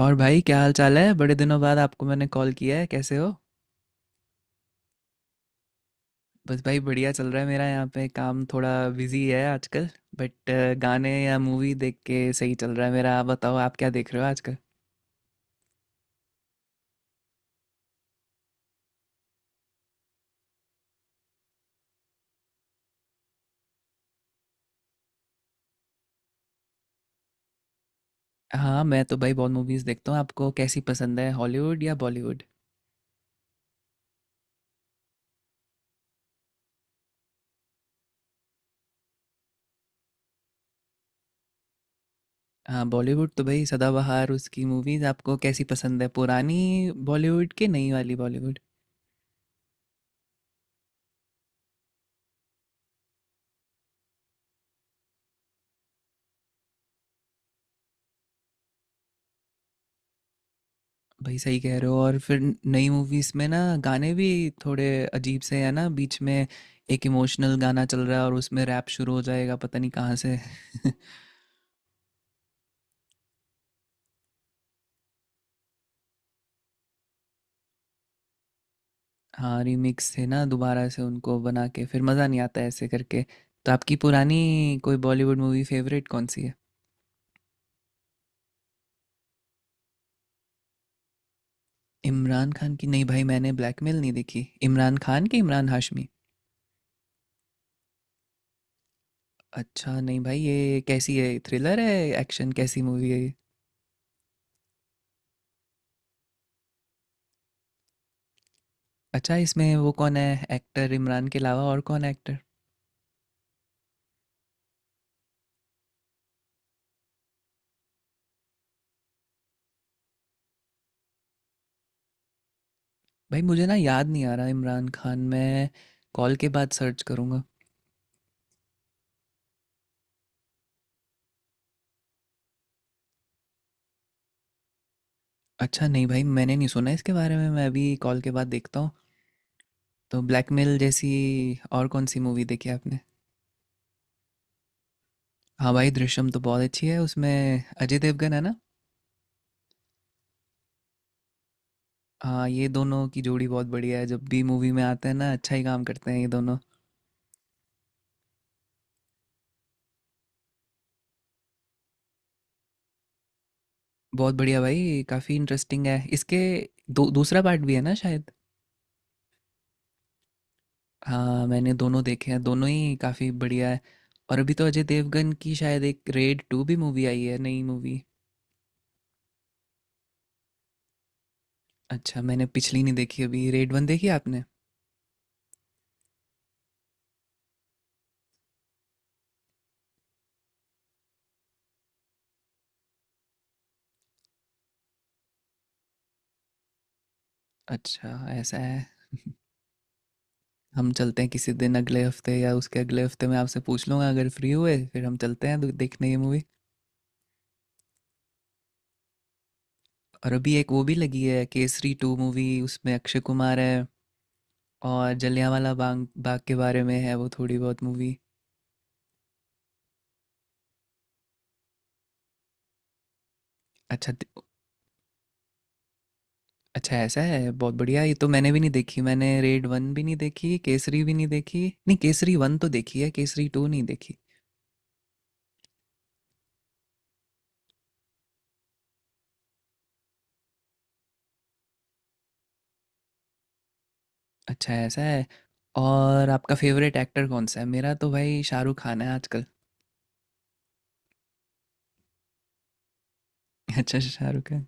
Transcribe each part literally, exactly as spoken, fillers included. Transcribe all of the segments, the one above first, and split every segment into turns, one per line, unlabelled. और भाई क्या हाल चाल है। बड़े दिनों बाद आपको मैंने कॉल किया है, कैसे हो? बस भाई बढ़िया चल रहा है मेरा। यहाँ पे काम थोड़ा बिजी है आजकल। बट गाने या मूवी देख के सही चल रहा है मेरा। आप बताओ, आप क्या देख रहे हो आजकल? हाँ, मैं तो भाई बहुत मूवीज़ देखता हूँ। आपको कैसी पसंद है, हॉलीवुड या बॉलीवुड? हाँ, बॉलीवुड तो भाई सदाबहार। उसकी मूवीज़ आपको कैसी पसंद है, पुरानी बॉलीवुड की नई वाली बॉलीवुड? भाई सही कह रहे हो। और फिर नई मूवीज में ना गाने भी थोड़े अजीब से है ना बीच में। एक इमोशनल गाना चल रहा है और उसमें रैप शुरू हो जाएगा पता नहीं कहाँ से। हाँ, रीमिक्स थे ना, दोबारा से उनको बना के फिर मज़ा नहीं आता ऐसे करके। तो आपकी पुरानी कोई बॉलीवुड मूवी फेवरेट कौन सी है? इमरान खान की? नहीं भाई, मैंने ब्लैकमेल नहीं देखी। इमरान खान की? इमरान हाशमी? अच्छा, नहीं भाई, ये कैसी है, थ्रिलर है, एक्शन, कैसी मूवी है ये? अच्छा, इसमें वो कौन है एक्टर, इमरान के अलावा और कौन है एक्टर? भाई मुझे ना याद नहीं आ रहा। इमरान खान मैं कॉल के बाद सर्च करूँगा। अच्छा, नहीं भाई, मैंने नहीं सुना इसके बारे में। मैं अभी कॉल के बाद देखता हूँ। तो ब्लैकमेल जैसी और कौन सी मूवी देखी आपने? हाँ भाई, दृश्यम तो बहुत अच्छी है। उसमें अजय देवगन है ना। हाँ, ये दोनों की जोड़ी बहुत बढ़िया है। जब भी मूवी में आते हैं ना अच्छा ही काम करते हैं ये दोनों। बहुत बढ़िया भाई, काफ़ी इंटरेस्टिंग है इसके। दो दूसरा पार्ट भी है ना शायद। हाँ, मैंने दोनों देखे हैं, दोनों ही काफ़ी बढ़िया है। और अभी तो अजय देवगन की शायद एक रेड टू भी मूवी आई है, नई मूवी। अच्छा, मैंने पिछली नहीं देखी। अभी रेड वन देखी आपने? अच्छा, ऐसा है। हम चलते हैं किसी दिन, अगले हफ्ते या उसके अगले हफ्ते मैं आपसे पूछ लूँगा अगर फ्री हुए, फिर हम चलते हैं दो- देखने ये मूवी। और अभी एक वो भी लगी है केसरी टू मूवी, उसमें अक्षय कुमार है। और जलियांवाला बाग बाग के बारे में है वो थोड़ी बहुत मूवी। अच्छा अच्छा, ऐसा है, बहुत बढ़िया। ये तो मैंने भी नहीं देखी। मैंने रेड वन भी नहीं देखी, केसरी भी नहीं देखी। नहीं, केसरी वन तो देखी है, केसरी टू नहीं देखी। अच्छा, ऐसा है। और आपका फेवरेट एक्टर कौन सा है? मेरा तो भाई शाहरुख खान है आजकल। अच्छा, शाहरुख खान।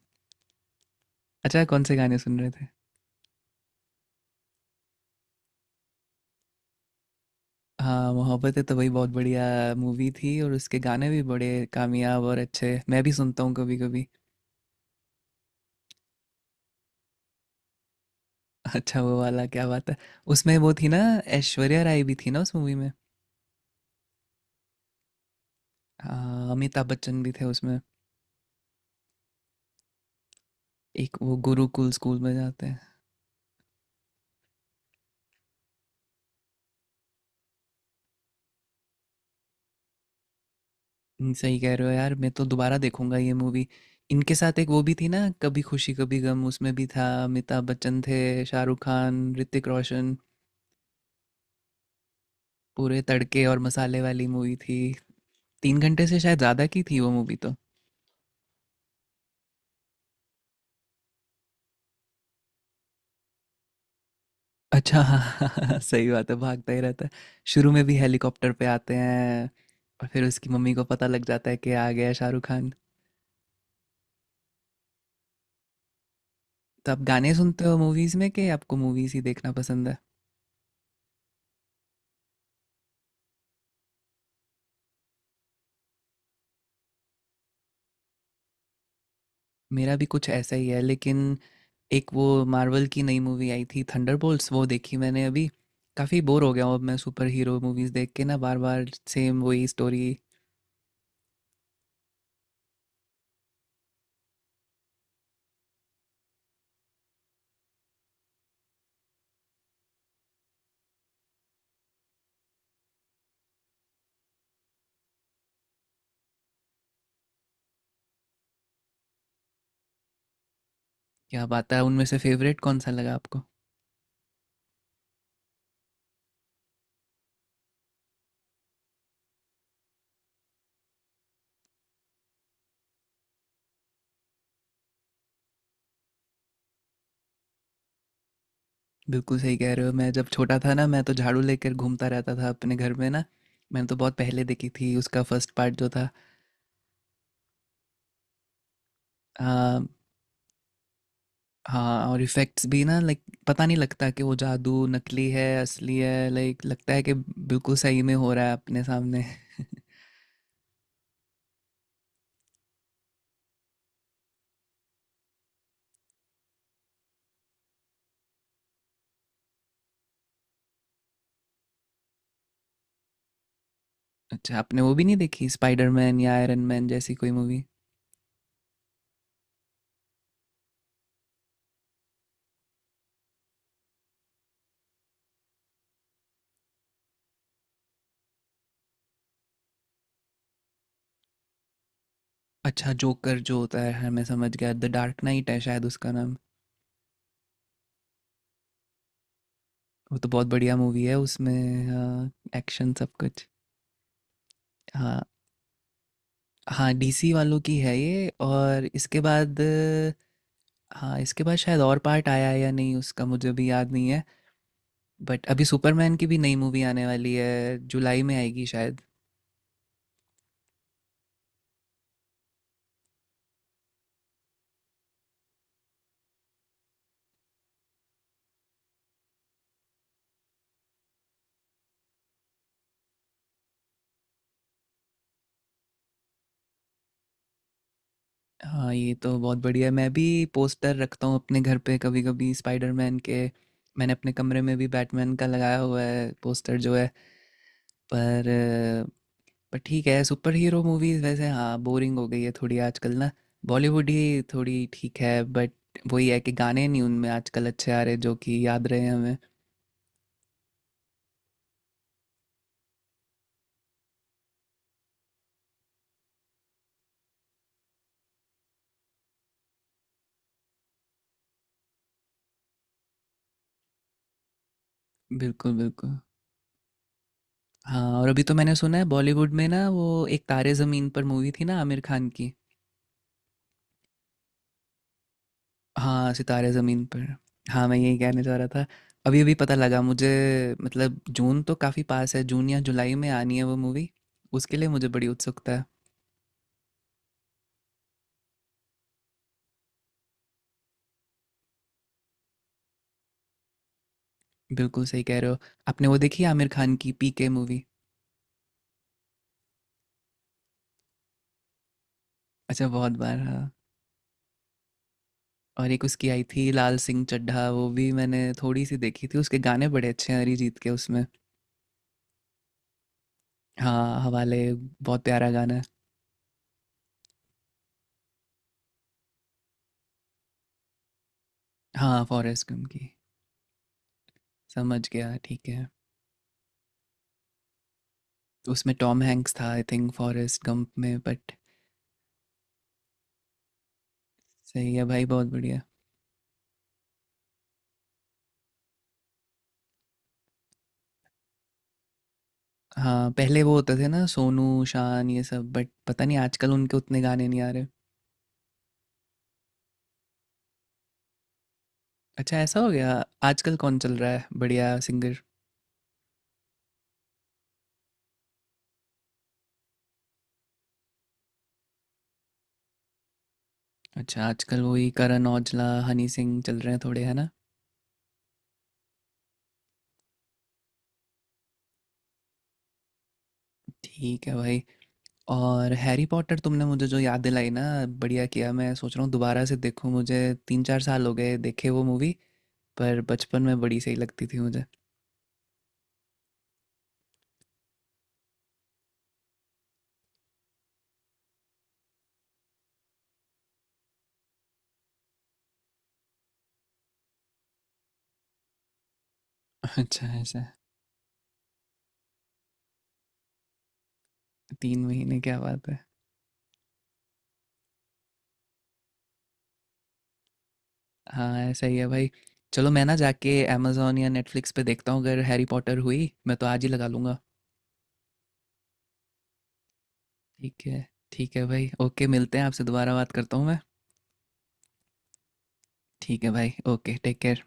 अच्छा, कौन से गाने सुन रहे थे? हाँ, मोहब्बतें तो भाई बहुत बढ़िया मूवी थी। और उसके गाने भी बड़े कामयाब और अच्छे, मैं भी सुनता हूँ कभी कभी। अच्छा, वो वाला? क्या बात है। उसमें वो थी ना, ऐश्वर्या राय भी थी ना उस मूवी में। हाँ, अमिताभ बच्चन भी थे उसमें। एक वो गुरुकुल स्कूल में जाते हैं। हम्म, सही कह रहे हो यार। मैं तो दोबारा देखूंगा ये मूवी। इनके साथ एक वो भी थी ना कभी खुशी कभी गम, उसमें भी था, अमिताभ बच्चन थे, शाहरुख खान, ऋतिक रोशन। पूरे तड़के और मसाले वाली मूवी थी। तीन घंटे से शायद ज़्यादा की थी वो मूवी तो। अच्छा हाँ हाँ, हाँ, सही बात है, भागता ही रहता है। शुरू में भी हेलीकॉप्टर पे आते हैं, और फिर उसकी मम्मी को पता लग जाता है कि आ गया शाहरुख खान। तो आप गाने सुनते हो मूवीज़ में, कि आपको मूवीज़ ही देखना पसंद है? मेरा भी कुछ ऐसा ही है। लेकिन एक वो मार्वल की नई मूवी आई थी थंडरबोल्ट्स, वो देखी मैंने अभी। काफ़ी बोर हो गया हूँ अब मैं सुपर हीरो मूवीज़ देख के ना, बार बार सेम वही स्टोरी। क्या बात है, उनमें से फेवरेट कौन सा लगा आपको? बिल्कुल सही कह रहे हो। मैं जब छोटा था ना, मैं तो झाड़ू लेकर घूमता रहता था अपने घर में ना। मैंने तो बहुत पहले देखी थी उसका फर्स्ट पार्ट जो था। आ, हाँ, और इफ़ेक्ट्स भी ना, लाइक पता नहीं लगता कि वो जादू नकली है असली है। लाइक लगता है कि बिल्कुल सही में हो रहा है अपने सामने। अच्छा, आपने वो भी नहीं देखी स्पाइडरमैन या आयरन मैन जैसी कोई मूवी? अच्छा, जोकर जो होता है, हाँ मैं समझ गया, द डार्क नाइट है शायद उसका नाम। वो तो बहुत बढ़िया मूवी है। उसमें हाँ, एक्शन सब कुछ। हाँ, हाँ डीसी वालों की है ये, और इसके बाद अ, हाँ, इसके बाद शायद और पार्ट आया है या नहीं, उसका मुझे भी याद नहीं है। बट अभी सुपरमैन की भी नई मूवी आने वाली है, जुलाई में आएगी शायद। हाँ, ये तो बहुत बढ़िया। मैं भी पोस्टर रखता हूँ अपने घर पे कभी कभी स्पाइडरमैन के। मैंने अपने कमरे में भी बैटमैन का लगाया हुआ है पोस्टर जो है। पर अ, पर ठीक है, सुपर हीरो मूवीज वैसे हाँ बोरिंग हो गई है थोड़ी आजकल ना। बॉलीवुड ही थोड़ी ठीक है, बट वही है कि गाने नहीं उनमें आजकल अच्छे आ रहे जो कि याद रहे हमें। बिल्कुल बिल्कुल। हाँ, और अभी तो मैंने सुना है बॉलीवुड में ना वो एक तारे ज़मीन पर मूवी थी ना आमिर खान की। हाँ, सितारे ज़मीन पर। हाँ, मैं यही कहने जा रहा था। अभी-अभी पता लगा मुझे। मतलब जून तो काफ़ी पास है, जून या जुलाई में आनी है वो मूवी। उसके लिए मुझे बड़ी उत्सुकता है। बिल्कुल सही कह रहे हो। आपने वो देखी है आमिर खान की पीके मूवी? अच्छा, बहुत बार हाँ। और एक उसकी आई थी लाल सिंह चड्ढा, वो भी मैंने थोड़ी-सी देखी थी। उसके गाने बड़े अच्छे हैं अरिजीत के उसमें। हाँ, हवाले बहुत प्यारा गाना है। हाँ, फॉरेस्ट गंप की। समझ गया, ठीक है। उसमें टॉम हैंक्स था आई थिंक फॉरेस्ट गंप में। बट सही है भाई, बहुत बढ़िया। हाँ, पहले वो होते थे ना सोनू, शान, ये सब, बट पता नहीं आजकल उनके उतने गाने नहीं आ रहे। अच्छा, ऐसा हो गया? आजकल कौन चल रहा है बढ़िया सिंगर? अच्छा, आजकल वही करण औजला, हनी सिंह चल रहे हैं थोड़े, है ना? ठीक है भाई। और हैरी पॉटर तुमने मुझे जो याद दिलाई ना, बढ़िया किया। मैं सोच रहा हूँ दोबारा से देखूँ। मुझे तीन चार साल हो गए देखे वो मूवी। पर बचपन में बड़ी सही लगती थी मुझे। अच्छा, ऐसा? तीन महीने, क्या बात है। हाँ, सही है भाई। चलो मैं ना जाके अमेजोन या नेटफ्लिक्स पे देखता हूँ, अगर हैरी पॉटर हुई मैं तो आज ही लगा लूँगा। ठीक है। ठीक है भाई, ओके, मिलते हैं, आपसे दोबारा बात करता हूँ मैं। ठीक है भाई, ओके, टेक केयर।